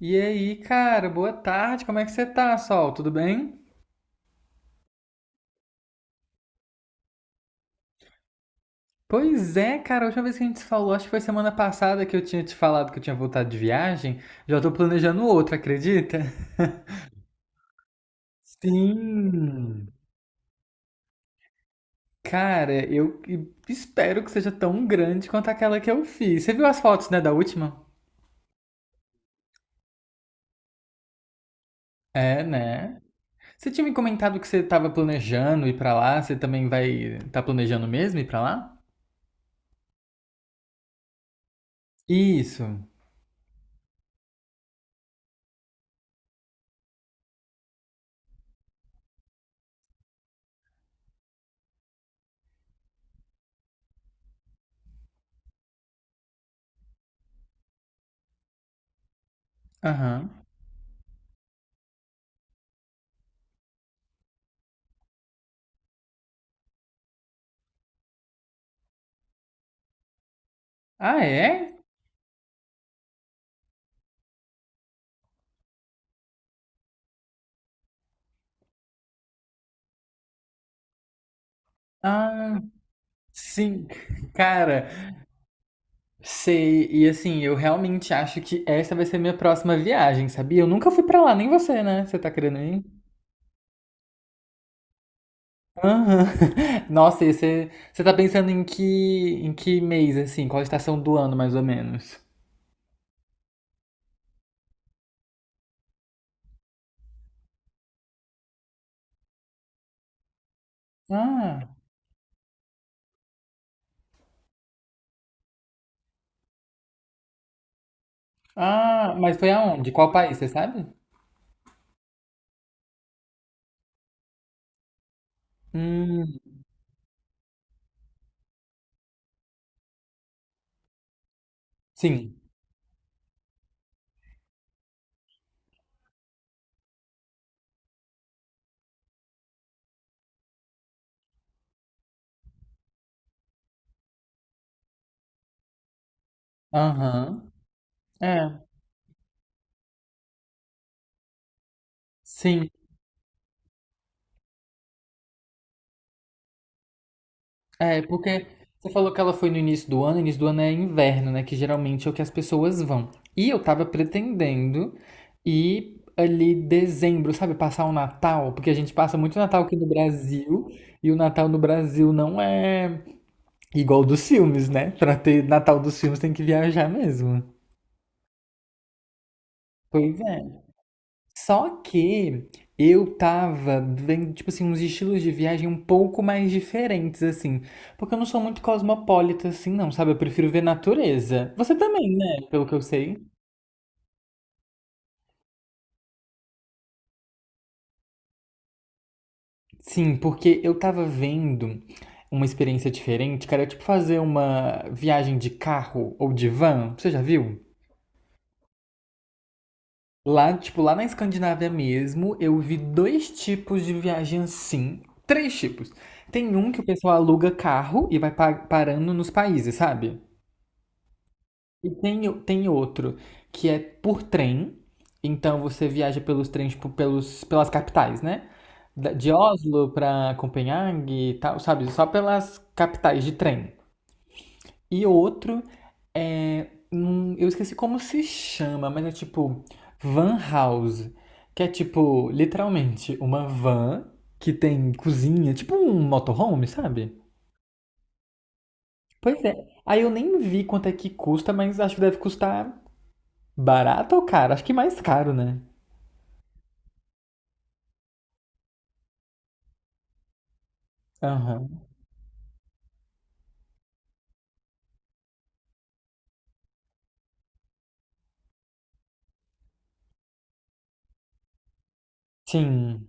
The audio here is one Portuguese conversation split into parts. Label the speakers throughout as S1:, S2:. S1: E aí, cara, boa tarde, como é que você tá, Sol? Tudo bem? Pois é, cara, a última vez que a gente se falou, acho que foi semana passada que eu tinha te falado que eu tinha voltado de viagem. Já tô planejando outra, acredita? Sim. Cara, eu espero que seja tão grande quanto aquela que eu fiz. Você viu as fotos, né, da última? É, né? Você tinha me comentado que você tava planejando ir pra lá, você também vai tá planejando mesmo ir pra lá? Isso. Aham. Ah, é? Ah, sim, cara, sei. E assim, eu realmente acho que essa vai ser minha próxima viagem, sabia? Eu nunca fui pra lá, nem você, né? Você tá querendo ir? Aham. Nossa, e você tá pensando em que mês, assim? Qual a estação do ano, mais ou menos? Ah, ah, mas foi aonde? Qual país, você sabe? Hum, sim. Aham. É, sim. É, porque você falou que ela foi no início do ano é inverno, né? Que geralmente é o que as pessoas vão. E eu tava pretendendo ir ali dezembro, sabe? Passar o Natal, porque a gente passa muito Natal aqui no Brasil, e o Natal no Brasil não é igual dos filmes, né? Pra ter Natal dos filmes tem que viajar mesmo. Pois é. Só que eu tava vendo, tipo assim, uns estilos de viagem um pouco mais diferentes, assim. Porque eu não sou muito cosmopolita, assim, não, sabe? Eu prefiro ver natureza. Você também, né? Pelo que eu sei. Sim, porque eu tava vendo uma experiência diferente, cara, tipo fazer uma viagem de carro ou de van. Você já viu? Lá, tipo, lá na Escandinávia mesmo, eu vi dois tipos de viagem assim. Três tipos. Tem um que o pessoal aluga carro e vai parando nos países, sabe? E tem, tem outro que é por trem. Então você viaja pelos trens, tipo, pelas capitais, né? De Oslo pra Copenhague e tal, sabe? Só pelas capitais de trem. E outro é, eu esqueci como se chama, mas é tipo Van House. Que é tipo, literalmente, uma van que tem cozinha, tipo um motorhome, sabe? Pois é. Aí eu nem vi quanto é que custa, mas acho que deve custar barato ou caro? Acho que mais caro, né? Aham. Sim,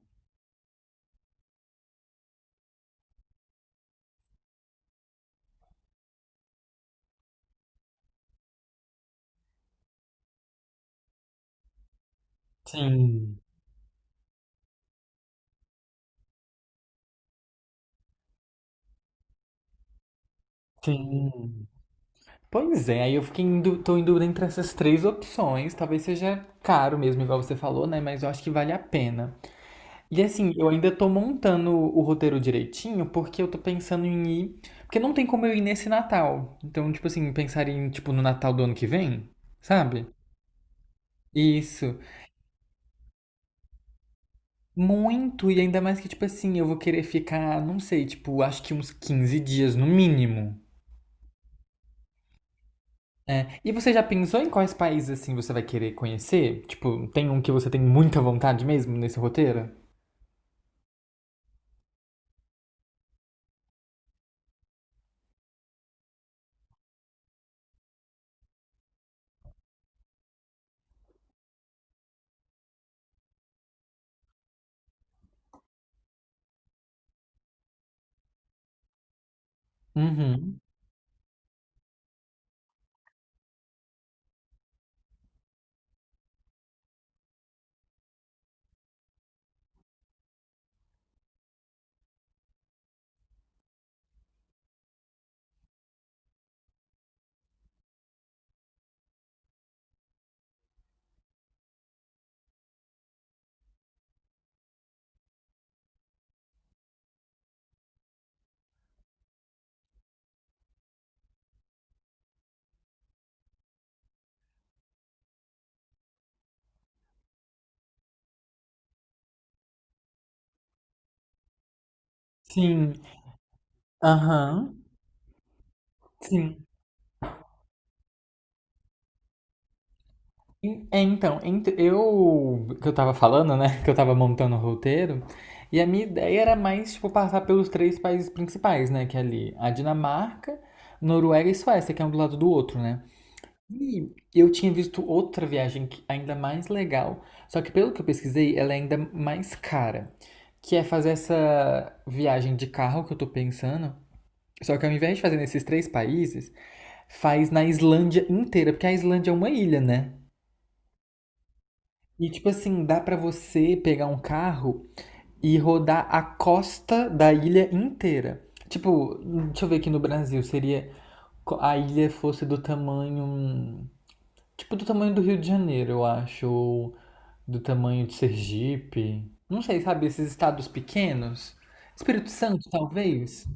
S1: sim, sim. Pois é, aí eu fiquei tô em dúvida entre essas três opções. Talvez seja caro mesmo, igual você falou, né? Mas eu acho que vale a pena. E assim, eu ainda tô montando o roteiro direitinho, porque eu tô pensando em ir. Porque não tem como eu ir nesse Natal. Então, tipo assim, pensar em, tipo, no Natal do ano que vem, sabe? Isso. Muito, e ainda mais que, tipo assim, eu vou querer ficar, não sei, tipo, acho que uns 15 dias no mínimo. É. E você já pensou em quais países, assim, você vai querer conhecer? Tipo, tem um que você tem muita vontade mesmo nesse roteiro? Uhum. Sim. Aham. Sim. Então, eu que eu tava falando, né? Que eu tava montando o roteiro, e a minha ideia era mais, tipo, passar pelos três países principais, né? Que é ali a Dinamarca, Noruega e Suécia, que é um do lado do outro, né? E eu tinha visto outra viagem ainda mais legal, só que pelo que eu pesquisei, ela é ainda mais cara, que é fazer essa viagem de carro que eu tô pensando. Só que ao invés de fazer nesses três países, faz na Islândia inteira, porque a Islândia é uma ilha, né? E tipo assim, dá pra você pegar um carro e rodar a costa da ilha inteira. Tipo, deixa eu ver aqui no Brasil, seria a ilha fosse do tamanho, tipo do tamanho do Rio de Janeiro, eu acho, ou do tamanho de Sergipe. Não sei, sabe, esses estados pequenos? Espírito Santo, talvez.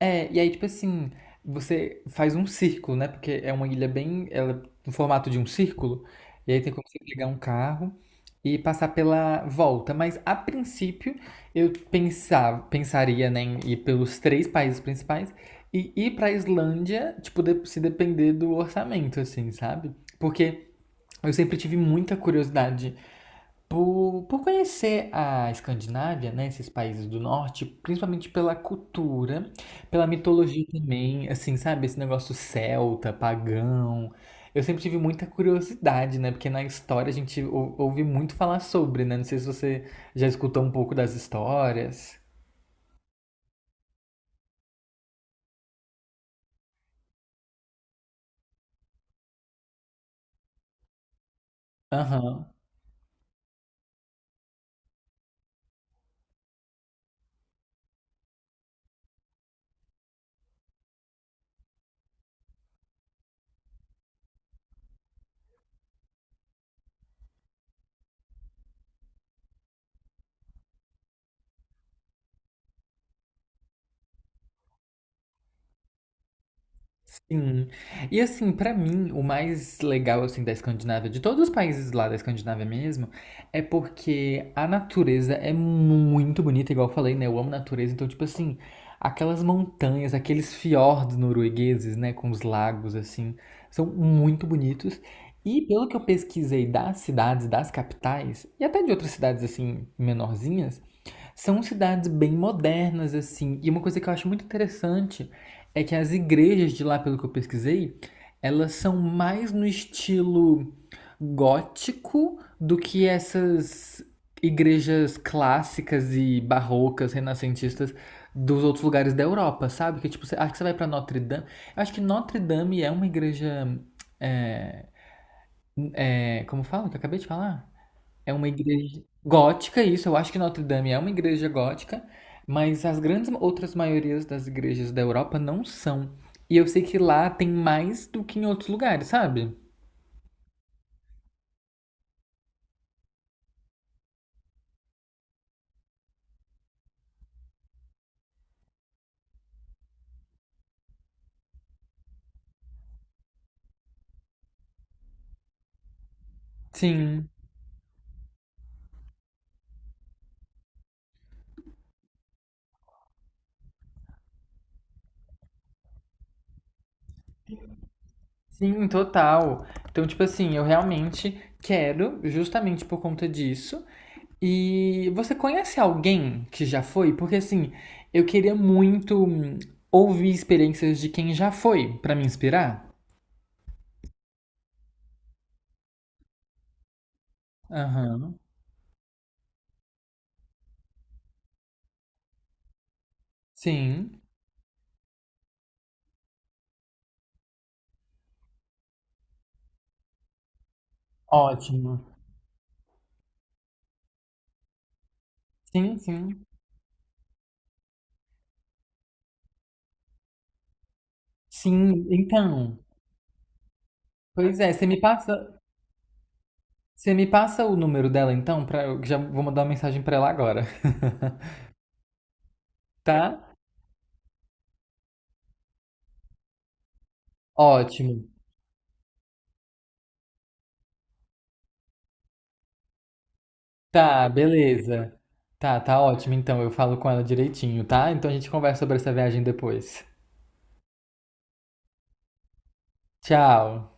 S1: É, e aí, tipo assim, você faz um círculo, né? Porque é uma ilha bem, ela é no formato de um círculo, e aí tem como você pegar um carro e passar pela volta. Mas a princípio, eu pensava, pensaria, né, em ir pelos três países principais e ir pra Islândia, tipo, se depender do orçamento, assim, sabe? Porque eu sempre tive muita curiosidade por conhecer a Escandinávia, né, esses países do norte, principalmente pela cultura, pela mitologia também, assim, sabe, esse negócio celta, pagão. Eu sempre tive muita curiosidade, né, porque na história a gente ouve muito falar sobre, né, não sei se você já escutou um pouco das histórias. Aham. Sim. E assim, pra mim, o mais legal assim da Escandinávia, de todos os países lá da Escandinávia mesmo, é porque a natureza é muito bonita, igual eu falei, né? Eu amo natureza, então tipo assim, aquelas montanhas, aqueles fiordes noruegueses, né, com os lagos assim, são muito bonitos. E pelo que eu pesquisei das cidades, das capitais e até de outras cidades assim menorzinhas, são cidades bem modernas, assim. E uma coisa que eu acho muito interessante é que as igrejas de lá, pelo que eu pesquisei, elas são mais no estilo gótico do que essas igrejas clássicas e barrocas, renascentistas dos outros lugares da Europa, sabe? Que tipo, você, acho que você vai pra Notre Dame. Eu acho que Notre Dame é uma igreja. é, como fala? Que eu acabei de falar? É uma igreja gótica, isso. Eu acho que Notre Dame é uma igreja gótica, mas as grandes outras maiorias das igrejas da Europa não são. E eu sei que lá tem mais do que em outros lugares, sabe? Sim, sim, total. Então, tipo assim, eu realmente quero, justamente por conta disso. E você conhece alguém que já foi? Porque assim, eu queria muito ouvir experiências de quem já foi, pra me inspirar. Aham. Sim. Ótimo. Sim, sim. Sim, então. Pois é, você me passa o número dela então para eu já vou mandar uma mensagem para ela agora, tá? Ótimo. Tá, beleza. Tá, tá ótimo então. Eu falo com ela direitinho, tá? Então a gente conversa sobre essa viagem depois. Tchau.